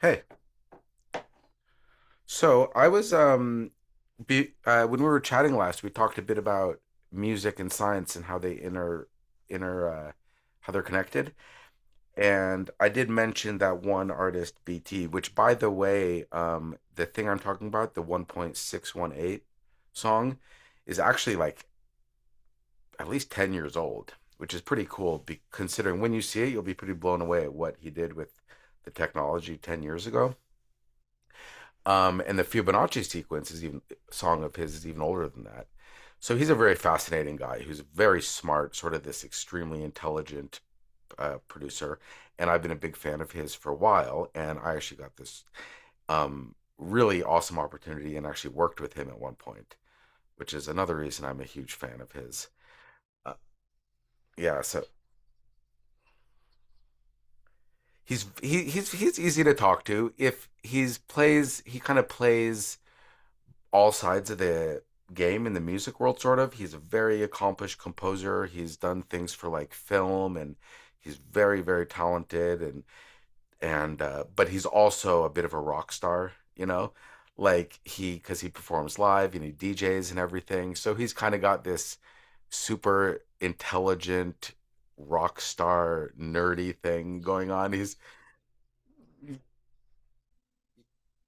Hey, so when we were chatting last, we talked a bit about music and science and how they inter inter how they're connected. And I did mention that one artist, BT, which by the way, the thing I'm talking about, the 1.618 song, is actually like at least 10 years old, which is pretty cool. Be considering when you see it, you'll be pretty blown away at what he did with the technology 10 years ago. And the Fibonacci sequence is even song of his is even older than that. So he's a very fascinating guy who's very smart, sort of this extremely intelligent producer. And I've been a big fan of his for a while. And I actually got this really awesome opportunity and actually worked with him at one point, which is another reason I'm a huge fan of his. Uh, yeah, so he's he, he's easy to talk to. If he's plays, He kind of plays all sides of the game in the music world. Sort of he's a very accomplished composer. He's done things for like film, and he's very talented. And But he's also a bit of a rock star, you know, like he because he performs live and he DJs and everything, so he's kind of got this super intelligent rock star nerdy thing going on. he's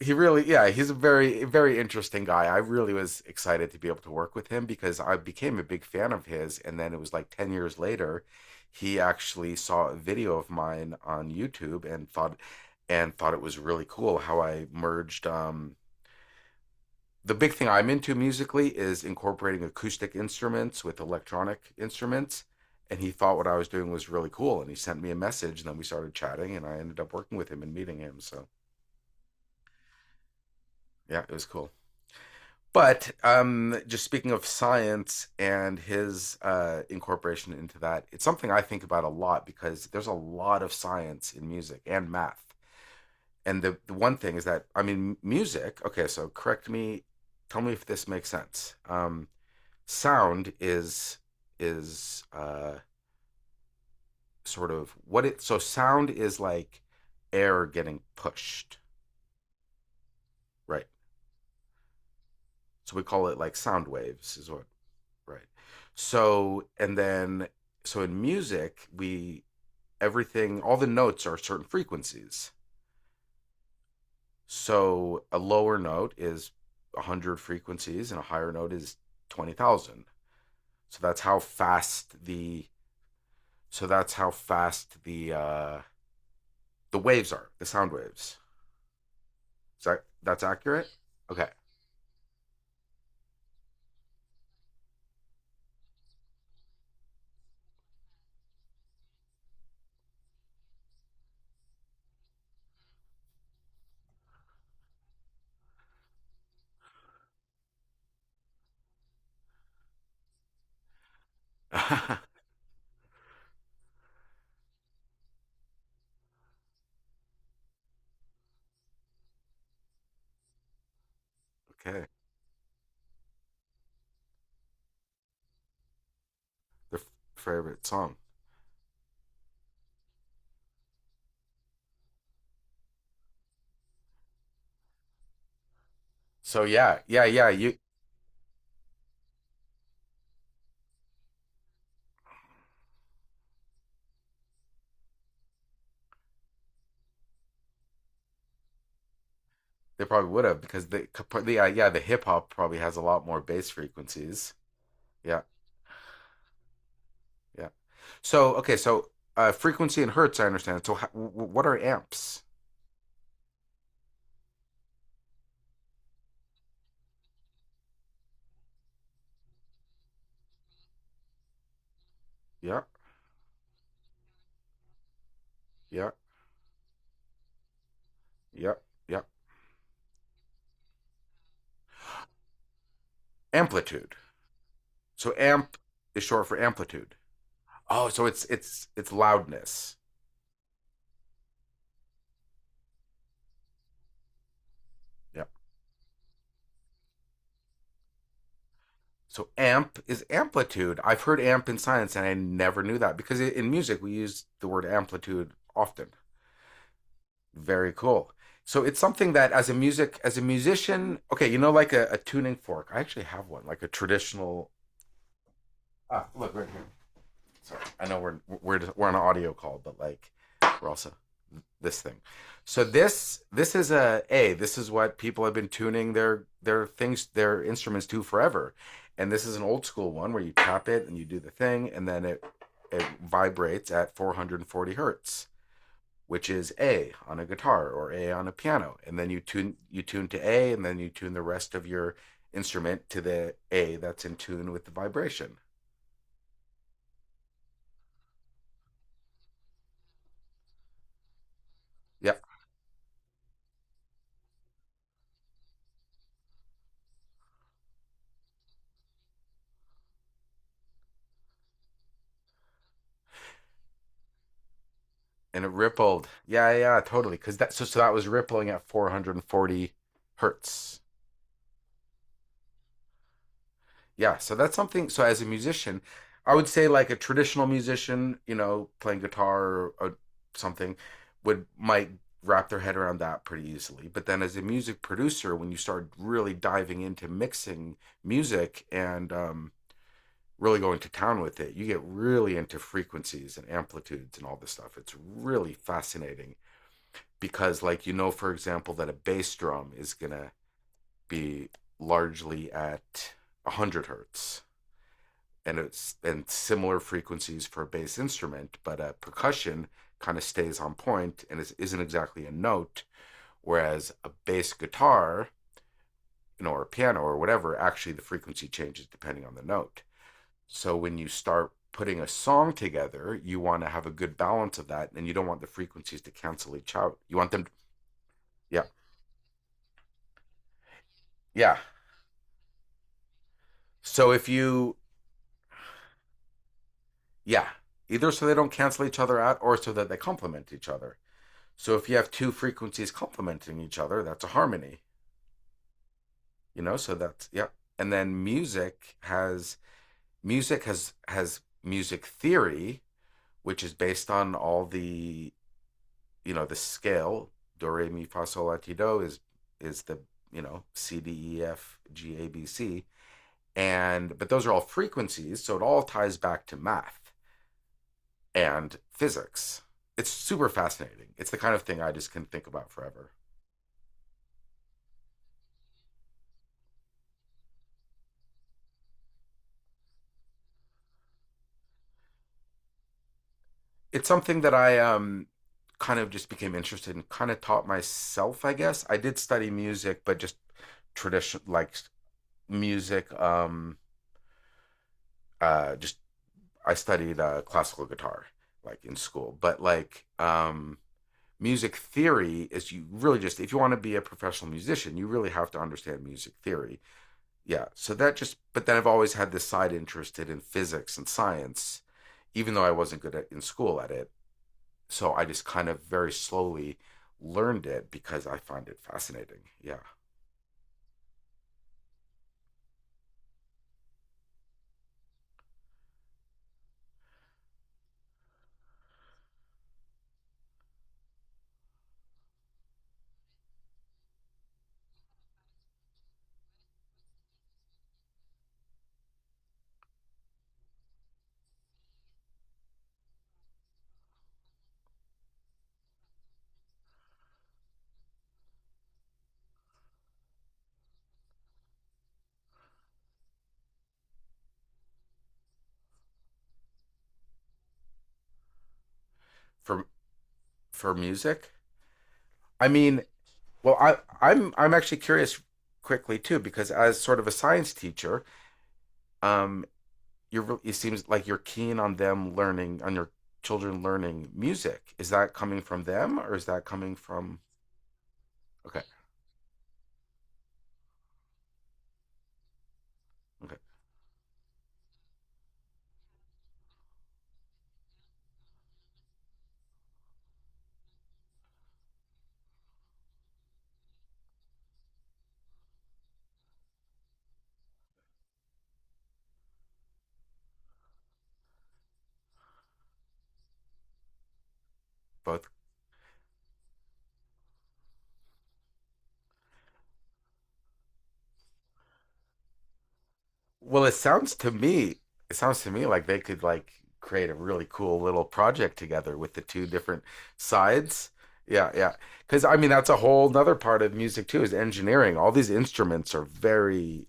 he really, yeah, he's a very interesting guy. I really was excited to be able to work with him because I became a big fan of his, and then it was like 10 years later he actually saw a video of mine on YouTube and thought it was really cool how I merged the big thing I'm into musically is incorporating acoustic instruments with electronic instruments. And he thought what I was doing was really cool, and he sent me a message, and then we started chatting, and I ended up working with him and meeting him. So yeah, it was cool. But Just speaking of science and his incorporation into that, it's something I think about a lot because there's a lot of science in music and math. And the one thing is that, I mean, music, okay, so correct me, tell me if this makes sense. Sound is, is uh, so sound is like air getting pushed, right? So we call it like sound waves, is what. Right. So, and then, so in music, we, everything, all the notes are certain frequencies. So a lower note is 100 frequencies and a higher note is 20,000. So that's how fast the, so that's how fast the, uh, the waves are, the sound waves. Is that, that's accurate? Okay. Okay. The favorite song. So yeah, yeah, yeah. You they probably would have because the yeah, yeah, the hip hop probably has a lot more bass frequencies. Yeah, yeah. So okay, so frequency and hertz, I understand. So how, what are amps? Yeah, yeah, yeah, yeah. Amplitude. So amp is short for amplitude. Oh, so it's loudness. Yeah. So amp is amplitude. I've heard amp in science, and I never knew that because in music we use the word amplitude often. Very cool. So it's something that as a musician, okay, you know, like a tuning fork. I actually have one, like a traditional. Ah, look right here. Sorry, I know we're on an audio call, but like we're also this thing. So this is a this is what people have been tuning their things, their instruments to forever, and this is an old school one where you tap it and you do the thing, and then it vibrates at 440 hertz, which is A on a guitar or A on a piano, and then you tune to A, and then you tune the rest of your instrument to the A that's in tune with the vibration. Yep, and it rippled. Yeah, yeah, totally. Because that so so that was rippling at 440 hertz. Yeah, so that's something. So as a musician, I would say like a traditional musician, you know, playing guitar or something, would might wrap their head around that pretty easily. But then as a music producer, when you start really diving into mixing music and really going to town with it, you get really into frequencies and amplitudes and all this stuff. It's really fascinating because, like, you know, for example, that a bass drum is going to be largely at 100 hertz, and it's and similar frequencies for a bass instrument, but a percussion kind of stays on point and isn't exactly a note, whereas a bass guitar, you know, or a piano or whatever, actually the frequency changes depending on the note. So when you start putting a song together, you want to have a good balance of that, and you don't want the frequencies to cancel each out. You want them, to, yeah, yeah. So if you, yeah, either so they don't cancel each other out, or so that they complement each other. So if you have two frequencies complementing each other, that's a harmony, you know? So that's yeah. And then music has music theory, which is based on all the, you know, the scale, do re mi fa sol la ti do is the, you know, C D E F G A B C, and but those are all frequencies, so it all ties back to math and physics. It's super fascinating. It's the kind of thing I just can think about forever. It's something that I kind of just became interested in, kind of taught myself, I guess. I did study music, but just tradition like music. Just I studied classical guitar like in school, but like music theory is, you really just, if you want to be a professional musician, you really have to understand music theory. Yeah, so that just but then I've always had this side interested in physics and science, even though I wasn't good at in school at it. So I just kind of very slowly learned it because I find it fascinating. Yeah. For for music, I mean, well, I'm actually curious quickly too because as sort of a science teacher, um, you're it seems like you're keen on them learning on your children learning music. Is that coming from them or is that coming from? Okay, okay, both. Well, it sounds to me, it sounds to me like they could like create a really cool little project together with the two different sides. Yeah, yeah. Because I mean, that's a whole nother part of music too, is engineering. All these instruments are very,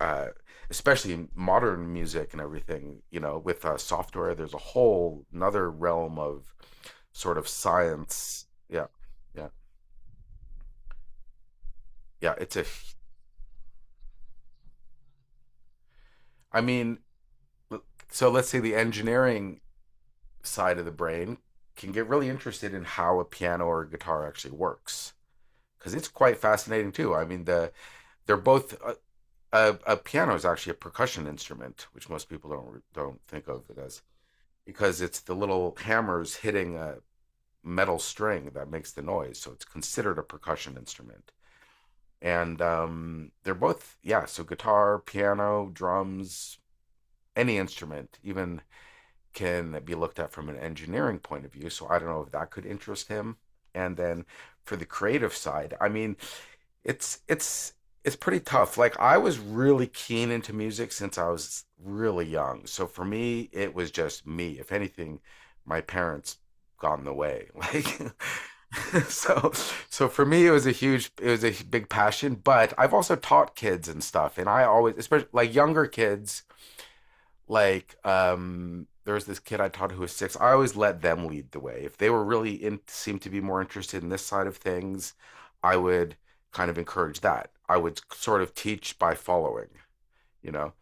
uh, especially in modern music and everything. You know, with software, there's a whole nother realm of sort of science. Yeah, yeah, yeah. It's a. I mean, so let's say the engineering side of the brain can get really interested in how a piano or a guitar actually works because it's quite fascinating too. I mean, the they're both a piano is actually a percussion instrument, which most people don't think of it as because it's the little hammers hitting a metal string that makes the noise, so it's considered a percussion instrument. And they're both yeah, so guitar, piano, drums, any instrument, even, can be looked at from an engineering point of view. So I don't know if that could interest him. And then for the creative side, I mean, it's it's it's pretty tough. Like I was really keen into music since I was really young. So for me, it was just me. If anything, my parents gone the way. Like so so for me it was a huge it was a big passion, but I've also taught kids and stuff, and I always, especially like younger kids, like there was this kid I taught who was six. I always let them lead the way. If they were really in seemed to be more interested in this side of things, I would kind of encourage that. I would sort of teach by following, you know?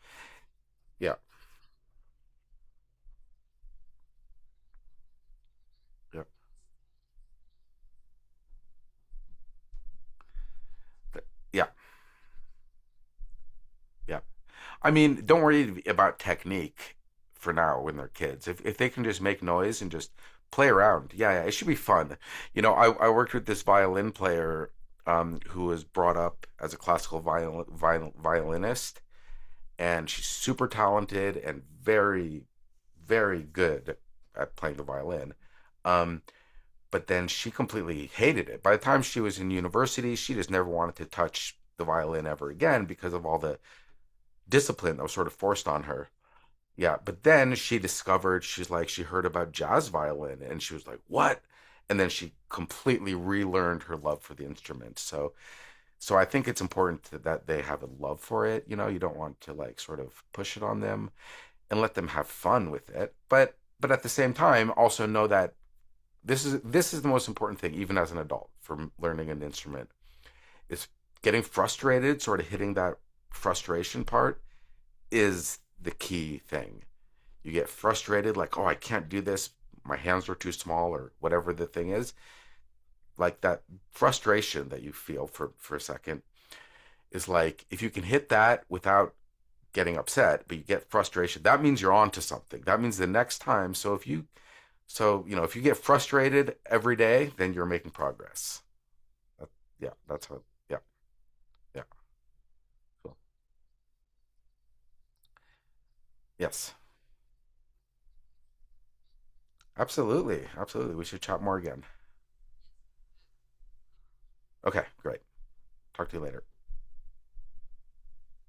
Yeah. Yeah. Yeah. Yeah. I mean, don't worry about technique for now when they're kids. If they can just make noise and just play around. Yeah, yeah. It should be fun. You know, I worked with this violin player who was brought up as a classical violinist, and she's super talented and very good at playing the violin. Um, but then she completely hated it. By the time she was in university, she just never wanted to touch the violin ever again because of all the discipline that was sort of forced on her. Yeah, but then she discovered, she's like, she heard about jazz violin and she was like, "What?" And then she completely relearned her love for the instrument. So, so I think it's important to, that they have a love for it. You know, you don't want to like sort of push it on them and let them have fun with it. But at the same time, also know that this is the most important thing, even as an adult, for learning an instrument. Is getting frustrated, sort of hitting that frustration part, is the key thing. You get frustrated, like, oh, I can't do this. My hands are too small, or whatever the thing is. Like that frustration that you feel for a second is like, if you can hit that without getting upset, but you get frustration, that means you're on to something. That means the next time. So if you so, you know, if you get frustrated every day, then you're making progress. That, yeah, that's how, yeah, yeah, cool. Yes, absolutely. Absolutely. We should chat more again. Okay, great. Talk to you later.